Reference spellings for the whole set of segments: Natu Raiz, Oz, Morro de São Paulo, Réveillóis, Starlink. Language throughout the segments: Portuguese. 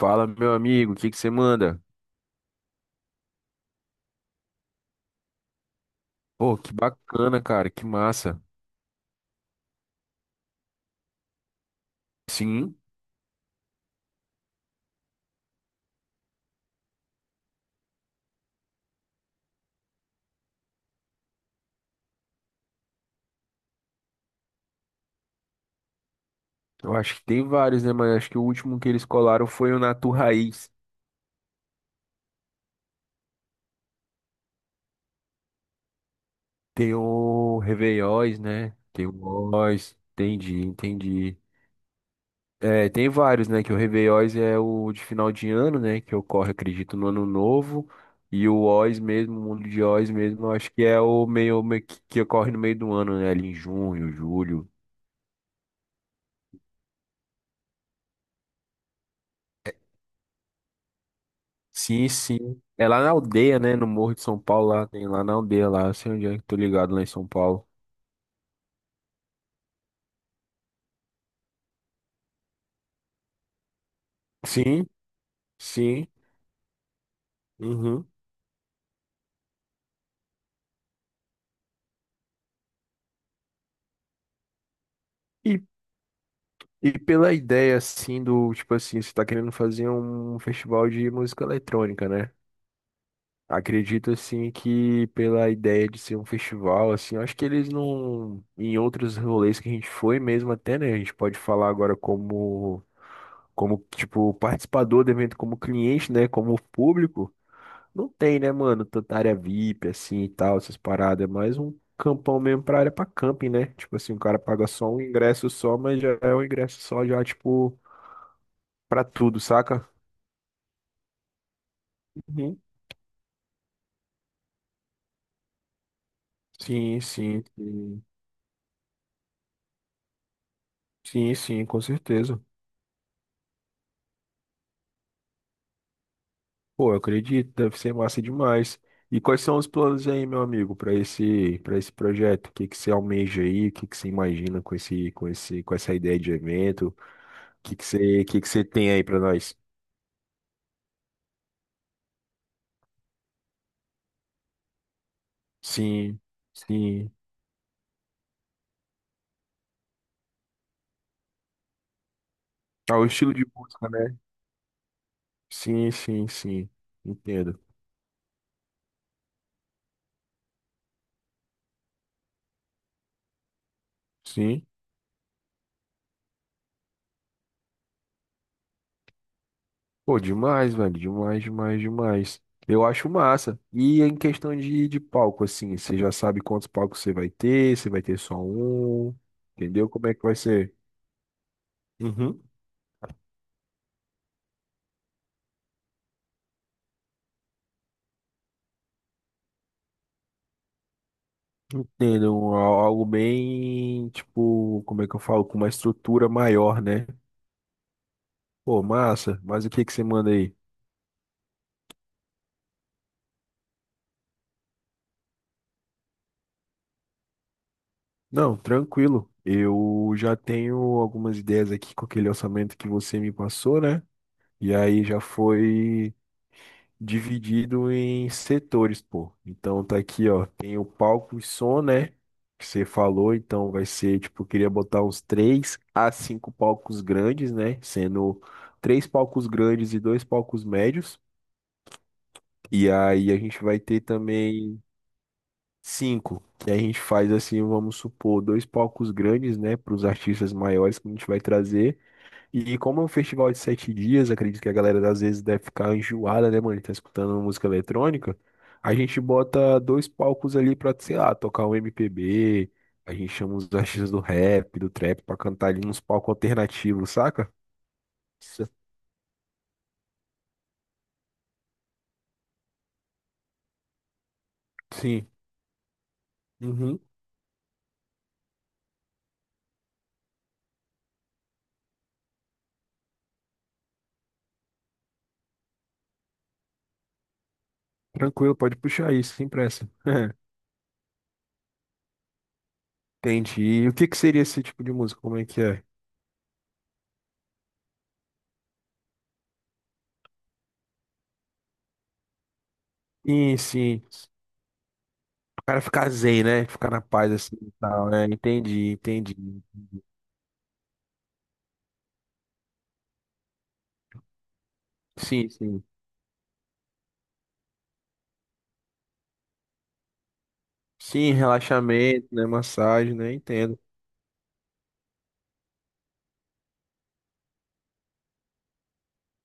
Fala, meu amigo, o que que você manda? Pô, que bacana, cara, que massa. Sim, eu acho que tem vários, né? Mas acho que o último que eles colaram foi o Natu Raiz. Tem o Réveillóis, né? Tem o Oz, entendi, entendi. É, tem vários, né? Que o Réveillóis é o de final de ano, né? Que ocorre, acredito, no ano novo. E o Oz mesmo, o mundo de Oz mesmo, eu acho que é o meio, meio que ocorre no meio do ano, né? Ali em junho, julho. Sim, sim. É lá na aldeia, né? No Morro de São Paulo, lá tem lá na aldeia, lá. Eu sei onde é que tô ligado lá em São Paulo. Sim, sim. Uhum. E, e pela ideia, assim, tipo assim, você tá querendo fazer um festival de música eletrônica, né? Acredito, assim, que pela ideia de ser um festival, assim, eu acho que eles não. Em outros rolês que a gente foi mesmo, até, né? A gente pode falar agora como. Como, tipo, participador do evento, como cliente, né? Como público. Não tem, né, mano, tanta área VIP, assim, e tal, essas paradas. É mais um campão mesmo pra área pra camping, né? Tipo assim, o cara paga só um ingresso só, mas já é um ingresso só, já, tipo, pra tudo, saca? Uhum. Sim, sim, sim, sim, sim, com certeza. Pô, eu acredito, deve ser massa demais. E quais são os planos aí, meu amigo, para esse projeto? O que que você almeja aí? O que que você imagina com essa ideia de evento? O que que você tem aí pra nós? Sim, sim. Ah, o estilo de música, né? Sim, sim, sim. Entendo. Sim. Pô, demais, velho. Demais, demais, demais. Eu acho massa. E em questão de palco, assim, você já sabe quantos palcos você vai ter só um, entendeu? Como é que vai ser? Uhum. Entendo. Algo bem, tipo, como é que eu falo? Com uma estrutura maior, né? Pô, massa. Mas o que que você manda aí? Não, tranquilo. Eu já tenho algumas ideias aqui com aquele orçamento que você me passou, né? E aí já foi dividido em setores, pô. Então tá aqui, ó. Tem o palco e som, né? Que você falou. Então vai ser, tipo, eu queria botar uns três a cinco palcos grandes, né? Sendo três palcos grandes e dois palcos médios. E aí a gente vai ter também cinco. Que a gente faz assim, vamos supor, dois palcos grandes, né? Para os artistas maiores que a gente vai trazer. E como é um festival de 7 dias, acredito que a galera às vezes deve ficar enjoada, né, mano? Tá escutando música eletrônica. A gente bota dois palcos ali pra, sei lá, tocar um MPB. A gente chama os artistas do rap, do trap, pra cantar ali nos palcos alternativos, saca? Isso. Sim. Uhum. Tranquilo, pode puxar isso, sem pressa. Entendi. E o que que seria esse tipo de música? Como é que é? Sim, sim. O cara ficar zen, né? Ficar na paz assim e tal, né? Entendi, entendi. Sim, sim. Sim, relaxamento, né? Massagem, né? Entendo.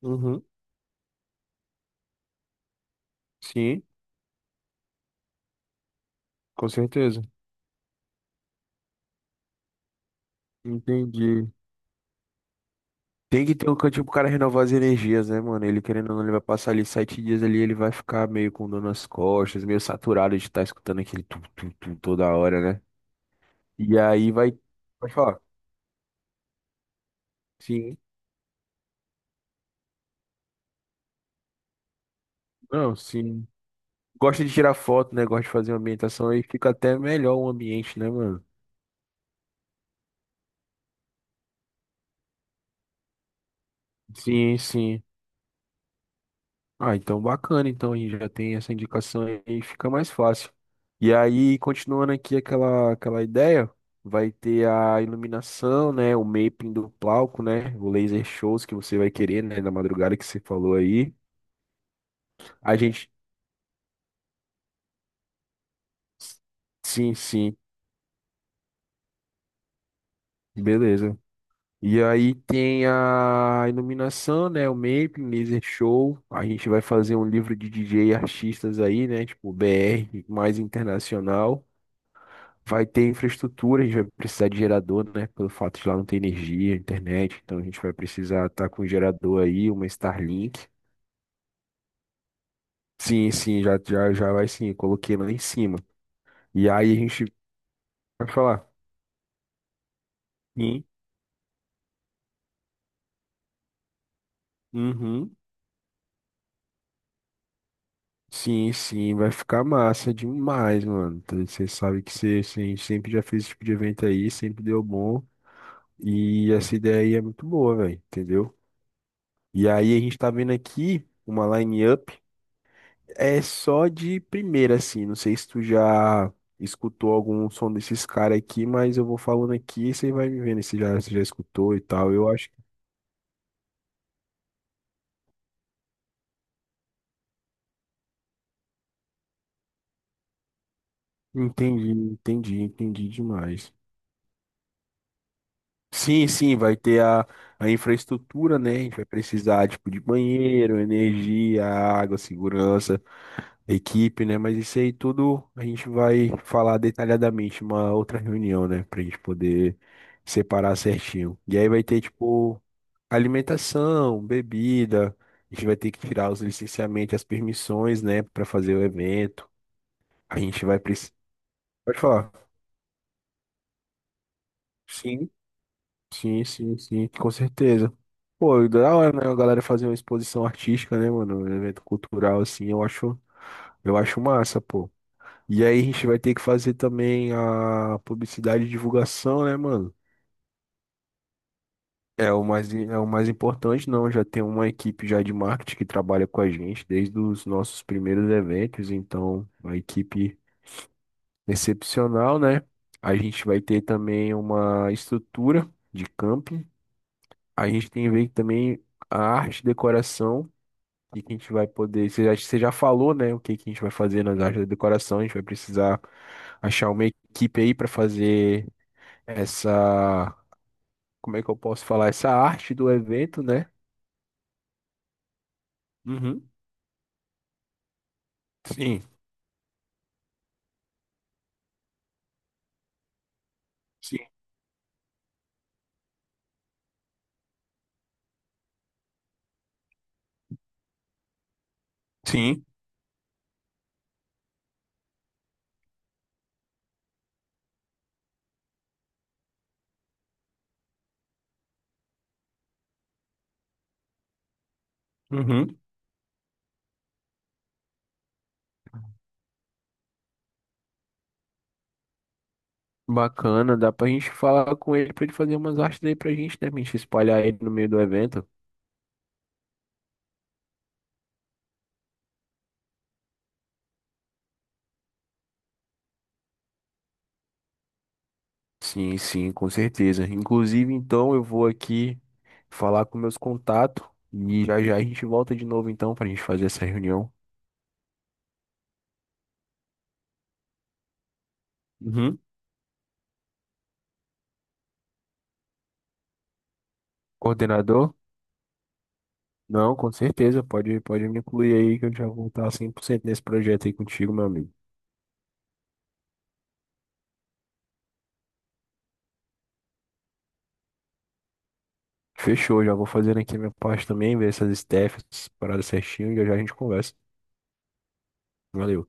Uhum. Sim, com certeza. Entendi. Tem que ter um cantinho pro cara renovar as energias, né, mano? Ele querendo ou não, ele vai passar ali 7 dias ali, ele vai ficar meio com dor nas costas, meio saturado de estar escutando aquele tum, tum, tum toda hora, né? E aí vai. Pode falar. Sim. Não, sim. Gosta de tirar foto, né? Gosta de fazer uma ambientação aí, fica até melhor o ambiente, né, mano? Sim, sim. Ah, então bacana, então aí já tem essa indicação aí, fica mais fácil. E aí, continuando aqui aquela ideia, vai ter a iluminação, né, o mapping do palco, né, o laser shows que você vai querer, né, na madrugada que você falou aí. A gente, sim, sim, beleza. E aí tem a iluminação, né, o mapping, laser show. A gente vai fazer um livro de DJ e artistas aí, né, tipo BR mais internacional. Vai ter infraestrutura, a gente vai precisar de gerador, né? Pelo fato de lá não ter energia, internet, então a gente vai precisar estar com um gerador aí, uma Starlink. Sim, sim, já, já, já vai sim, coloquei lá em cima. E aí a gente vai falar, sim, uhum, sim, sim, vai ficar massa demais, mano. Então, você sabe que você sempre já fez esse tipo de evento aí, sempre deu bom. E essa ideia aí é muito boa, velho, entendeu? E aí a gente tá vendo aqui uma line-up. É só de primeira, assim. Não sei se tu já escutou algum som desses caras aqui, mas eu vou falando aqui e você vai me vendo se já escutou e tal. Eu acho que entendi, entendi, entendi demais. Sim, sim, vai ter a infraestrutura, né? A gente vai precisar, tipo, de banheiro, energia, água, segurança, equipe, né? Mas isso aí tudo a gente vai falar detalhadamente em uma outra reunião, né? Pra gente poder separar certinho. E aí vai ter, tipo, alimentação, bebida, a gente vai ter que tirar os licenciamentos, as permissões, né, para fazer o evento. A gente vai precisar. Pode falar. Sim, sim, sim, sim, com certeza. Pô, da hora, né, a galera fazer uma exposição artística, né, mano, um evento cultural assim, eu acho massa, pô. E aí a gente vai ter que fazer também a publicidade e divulgação, né, mano? É o mais importante, não. Já tem uma equipe já de marketing que trabalha com a gente desde os nossos primeiros eventos, então, uma equipe excepcional, né? A gente vai ter também uma estrutura de camping. A gente tem que ver também a arte e decoração, o que que a gente vai poder. Você já falou, né? O que que a gente vai fazer nas artes de decoração. A gente vai precisar achar uma equipe aí para fazer essa. Como é que eu posso falar? Essa arte do evento, né? Uhum. Sim. Sim. Sim. Uhum. Bacana, dá pra gente falar com ele pra ele fazer umas artes aí pra gente, né? Pra gente espalhar ele no meio do evento. Sim, sim, com certeza. Inclusive, então, eu vou aqui falar com meus contatos e já já a gente volta de novo, então, pra gente fazer essa reunião. Uhum. Coordenador? Não, com certeza. Pode me incluir aí que eu já vou estar 100% nesse projeto aí contigo, meu amigo. Fechou, já vou fazendo aqui a minha parte também, ver essas staffs, essas paradas certinho e já já a gente conversa. Valeu.